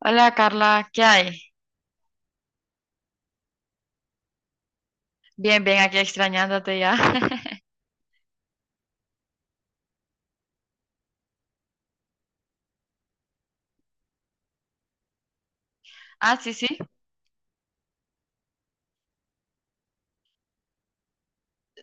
Hola Carla, ¿qué hay? Bien, aquí extrañándote ya. Ah, sí, sí.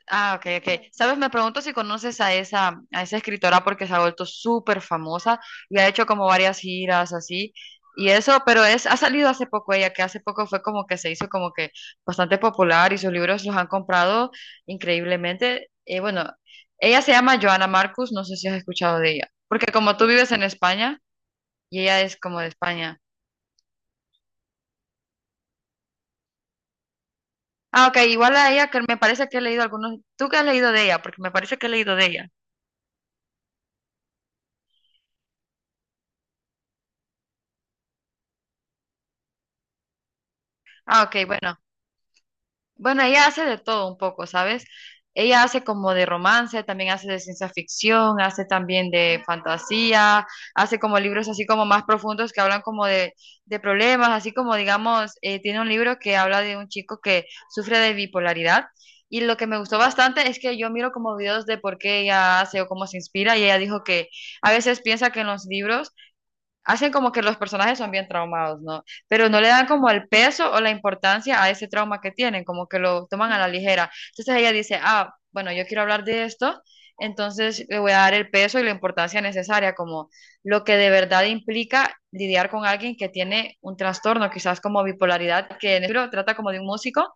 Ah, ok. Sabes, me pregunto si conoces a esa escritora porque se ha vuelto súper famosa y ha hecho como varias giras así y eso, pero es, ha salido hace poco ella, que hace poco fue como que se hizo como que bastante popular y sus libros los han comprado increíblemente. Bueno, ella se llama Joana Marcus, no sé si has escuchado de ella, porque como tú vives en España y ella es como de España. Ah, ok, igual a ella que me parece que he leído algunos. ¿Tú qué has leído de ella? Porque me parece que he leído de ella. Ah, ok, bueno. Bueno, ella hace de todo un poco, ¿sabes? Ella hace como de romance, también hace de ciencia ficción, hace también de fantasía, hace como libros así como más profundos que hablan como de problemas, así como digamos, tiene un libro que habla de un chico que sufre de bipolaridad. Y lo que me gustó bastante es que yo miro como videos de por qué ella hace o cómo se inspira y ella dijo que a veces piensa que en los libros hacen como que los personajes son bien traumados, ¿no? Pero no le dan como el peso o la importancia a ese trauma que tienen, como que lo toman a la ligera. Entonces ella dice, ah, bueno, yo quiero hablar de esto, entonces le voy a dar el peso y la importancia necesaria, como lo que de verdad implica lidiar con alguien que tiene un trastorno, quizás como bipolaridad, que en el libro trata como de un músico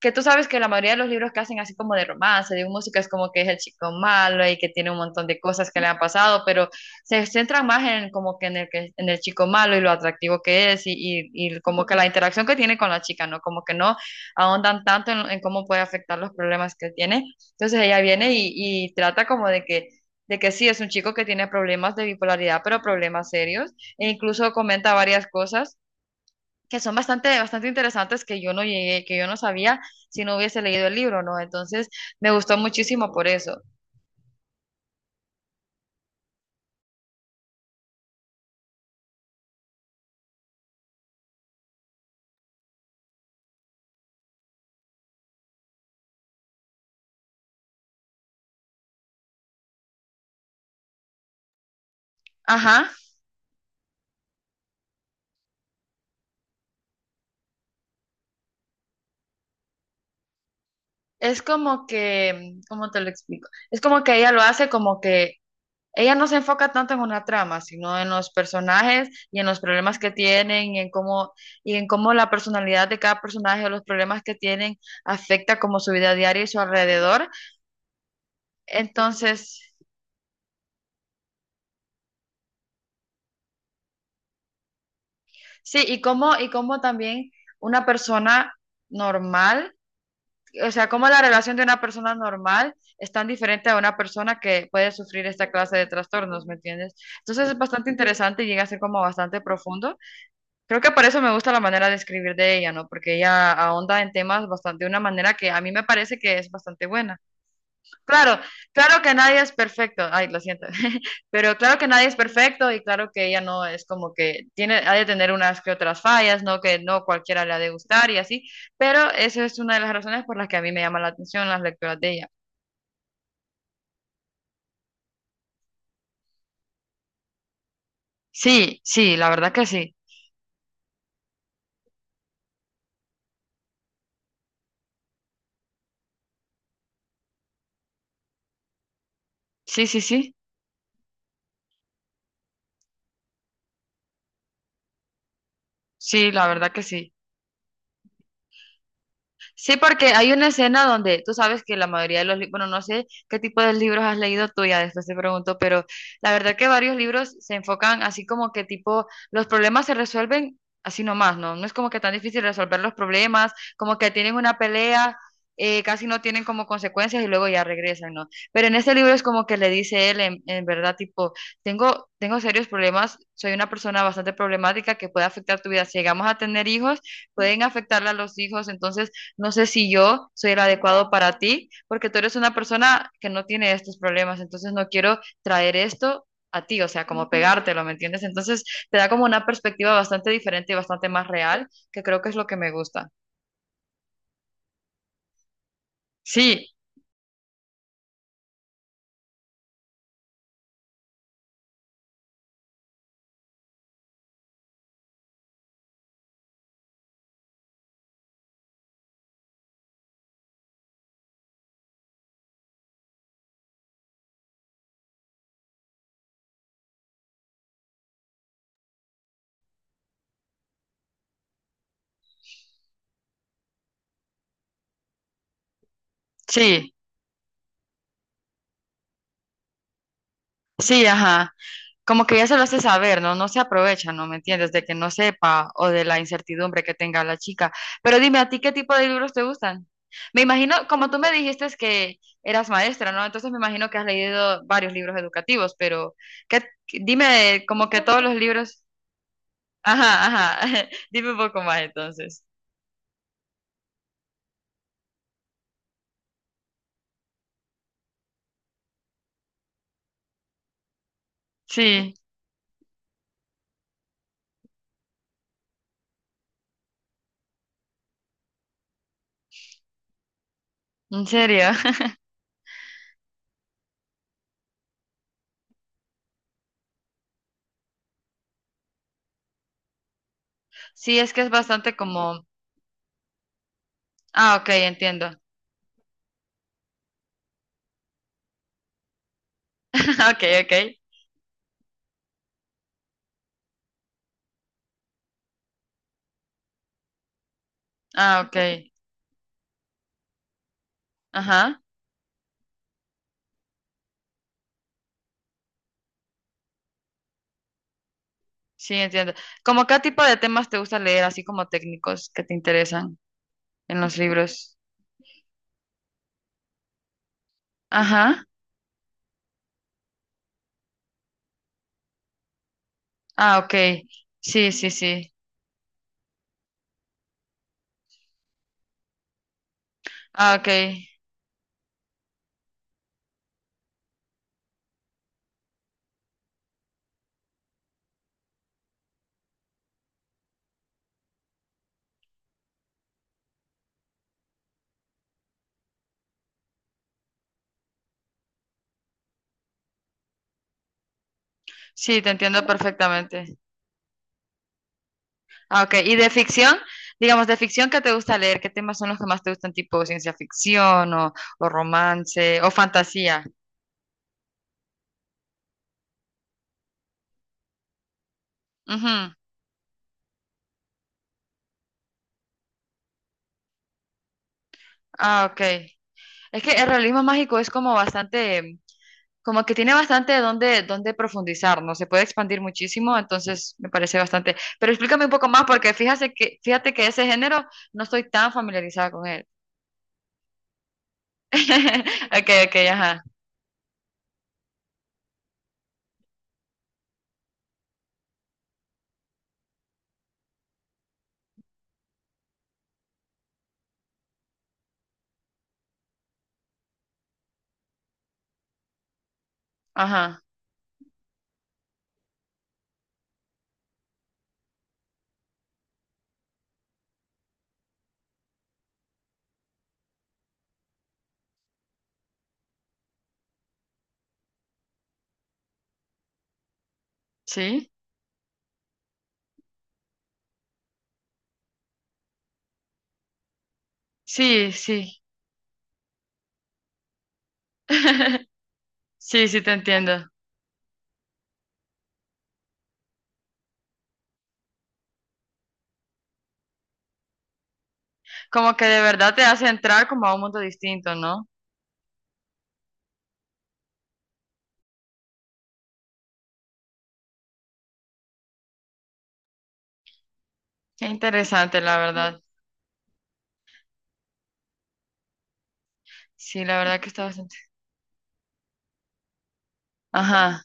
que tú sabes que la mayoría de los libros que hacen así como de romance, de música, es como que es el chico malo y que tiene un montón de cosas que le han pasado, pero se centran más en como que en el chico malo y lo atractivo que es y como que la interacción que tiene con la chica, ¿no? Como que no ahondan tanto en cómo puede afectar los problemas que tiene. Entonces ella viene y trata como de que sí, es un chico que tiene problemas de bipolaridad, pero problemas serios, e incluso comenta varias cosas que son bastante interesantes que yo no llegué, que yo no sabía si no hubiese leído el libro, ¿no? Entonces me gustó muchísimo por eso. Ajá, es como que, ¿cómo te lo explico? Es como que ella lo hace como que ella no se enfoca tanto en una trama, sino en los personajes y en los problemas que tienen y en cómo la personalidad de cada personaje o los problemas que tienen afecta como su vida diaria y su alrededor. Entonces, sí, y cómo también una persona normal, o sea, cómo la relación de una persona normal es tan diferente a una persona que puede sufrir esta clase de trastornos, ¿me entiendes? Entonces es bastante interesante y llega a ser como bastante profundo. Creo que por eso me gusta la manera de escribir de ella, ¿no? Porque ella ahonda en temas bastante de una manera que a mí me parece que es bastante buena. Claro, claro que nadie es perfecto. Ay, lo siento. Pero claro que nadie es perfecto y claro que ella no es como que tiene, ha de tener unas que otras fallas, ¿no? Que no cualquiera le ha de gustar y así. Pero esa es una de las razones por las que a mí me llama la atención las lecturas de ella. Sí, sí, la verdad que sí. Sí, sí, sí. Sí, la verdad que sí. Sí, porque hay una escena donde tú sabes que la mayoría de los libros, bueno, no sé qué tipo de libros has leído tú, ya después te pregunto, pero la verdad que varios libros se enfocan así como que tipo, los problemas se resuelven así nomás, ¿no? No es como que tan difícil resolver los problemas, como que tienen una pelea, casi no tienen como consecuencias y luego ya regresan, ¿no? Pero en este libro es como que le dice él, en verdad, tipo, tengo serios problemas, soy una persona bastante problemática que puede afectar tu vida. Si llegamos a tener hijos, pueden afectarle a los hijos, entonces no sé si yo soy el adecuado para ti, porque tú eres una persona que no tiene estos problemas, entonces no quiero traer esto a ti, o sea, como pegártelo, ¿me entiendes? Entonces te da como una perspectiva bastante diferente y bastante más real, que creo que es lo que me gusta. Sí, sí, sí, ajá. Como que ya se lo hace saber, ¿no? No se aprovecha, ¿no? ¿Me entiendes? De que no sepa o de la incertidumbre que tenga la chica. Pero dime, ¿a ti qué tipo de libros te gustan? Me imagino, como tú me dijiste es que eras maestra, ¿no? Entonces me imagino que has leído varios libros educativos, pero ¿qué, dime, como que todos los libros... Ajá, ajá. Dime un poco más entonces. Sí, en serio. Sí, es que es bastante como... Ah, ok, entiendo. Ok, ok. Ah, ok. Ajá. Sí, entiendo. ¿Cómo qué tipo de temas te gusta leer, así como técnicos que te interesan en los libros? Ajá. Ah, ok. Sí, sí, sí. Ah, ok. Sí, te entiendo perfectamente. Ah, ok. ¿Y de ficción? Digamos, de ficción, ¿qué te gusta leer? ¿Qué temas son los que más te gustan, tipo ciencia ficción o romance o fantasía? Ujú. Ah, ok. Es que el realismo mágico es como bastante como que tiene bastante donde, donde profundizar, ¿no? Se puede expandir muchísimo, entonces me parece bastante. Pero explícame un poco más, porque fíjate que ese género no estoy tan familiarizada con él. Ok, ok, ajá, ajá. Sí, sí, sí. Sí, sí, te entiendo. Como que de verdad te hace entrar como a un mundo distinto, ¿no? Qué interesante, la verdad. Sí, la verdad que está bastante. Ajá,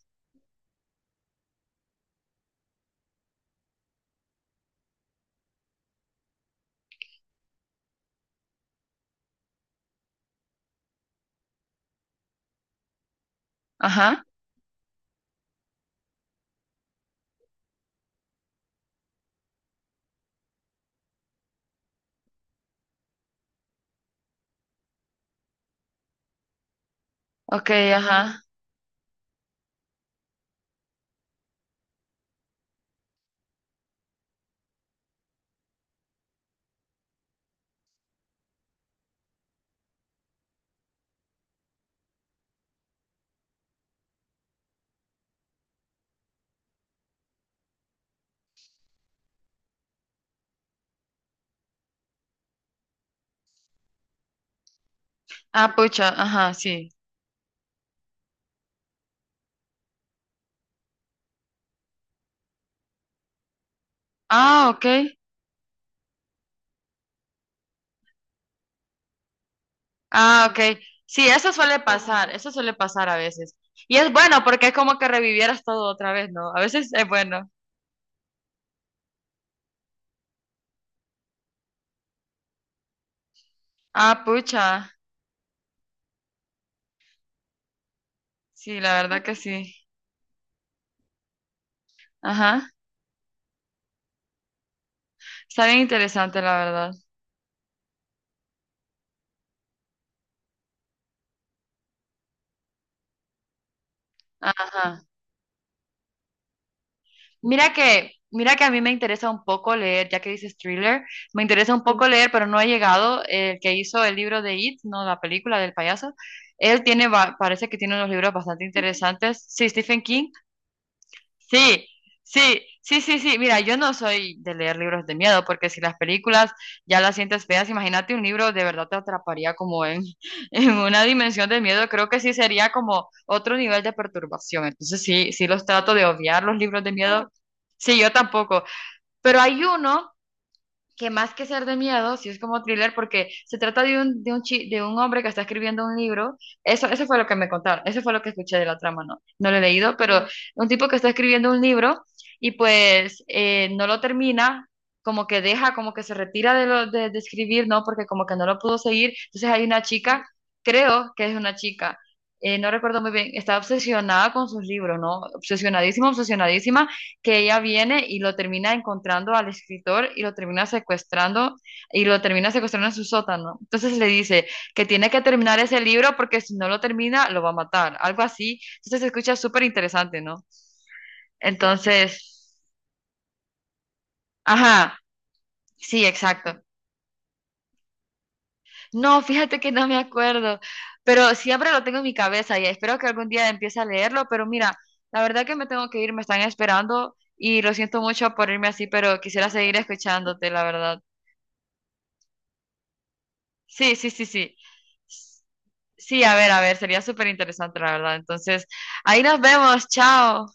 ajá. Ok, ajá. Ah, pucha, ajá, sí. Ah, ok. Ah, ok. Sí, eso suele pasar a veces. Y es bueno porque es como que revivieras todo otra vez, ¿no? A veces es bueno. Ah, pucha. Sí, la verdad que sí. Ajá. Está bien interesante, la verdad. Ajá. Mira que a mí me interesa un poco leer, ya que dices thriller, me interesa un poco leer, pero no he llegado. El que hizo el libro de It, no la película del payaso, él tiene, va- parece que tiene unos libros bastante interesantes. Sí, Stephen King. Sí, sí, sí, sí, sí. Mira, yo no soy de leer libros de miedo, porque si las películas ya las sientes feas, imagínate un libro de verdad te atraparía como en, en una dimensión de miedo. Creo que sí sería como otro nivel de perturbación. Entonces sí, sí los trato de obviar los libros de miedo. Sí, yo tampoco. Pero hay uno que más que ser de miedo, sí es como thriller, porque se trata de un, de un hombre que está escribiendo un libro. Eso fue lo que me contaron, eso fue lo que escuché de la trama, no lo he leído, pero un tipo que está escribiendo un libro y pues no lo termina, como que deja, como que se retira de escribir, ¿no? Porque como que no lo pudo seguir. Entonces hay una chica, creo que es una chica. Eh, no recuerdo muy bien, está obsesionada con sus libros, ¿no? Obsesionadísima, que ella viene y lo termina encontrando al escritor y lo termina secuestrando en su sótano. Entonces le dice que tiene que terminar ese libro porque si no lo termina lo va a matar, algo así. Entonces se escucha súper interesante, ¿no? Entonces, ajá, sí, exacto. No, fíjate que no me acuerdo, pero siempre lo tengo en mi cabeza y espero que algún día empiece a leerlo, pero mira, la verdad que me tengo que ir, me están esperando. Y lo siento mucho por irme así, pero quisiera seguir escuchándote, la verdad. Sí, sí, sí, sí. Sí, a ver, sería súper interesante, la verdad. Entonces, ahí nos vemos, chao.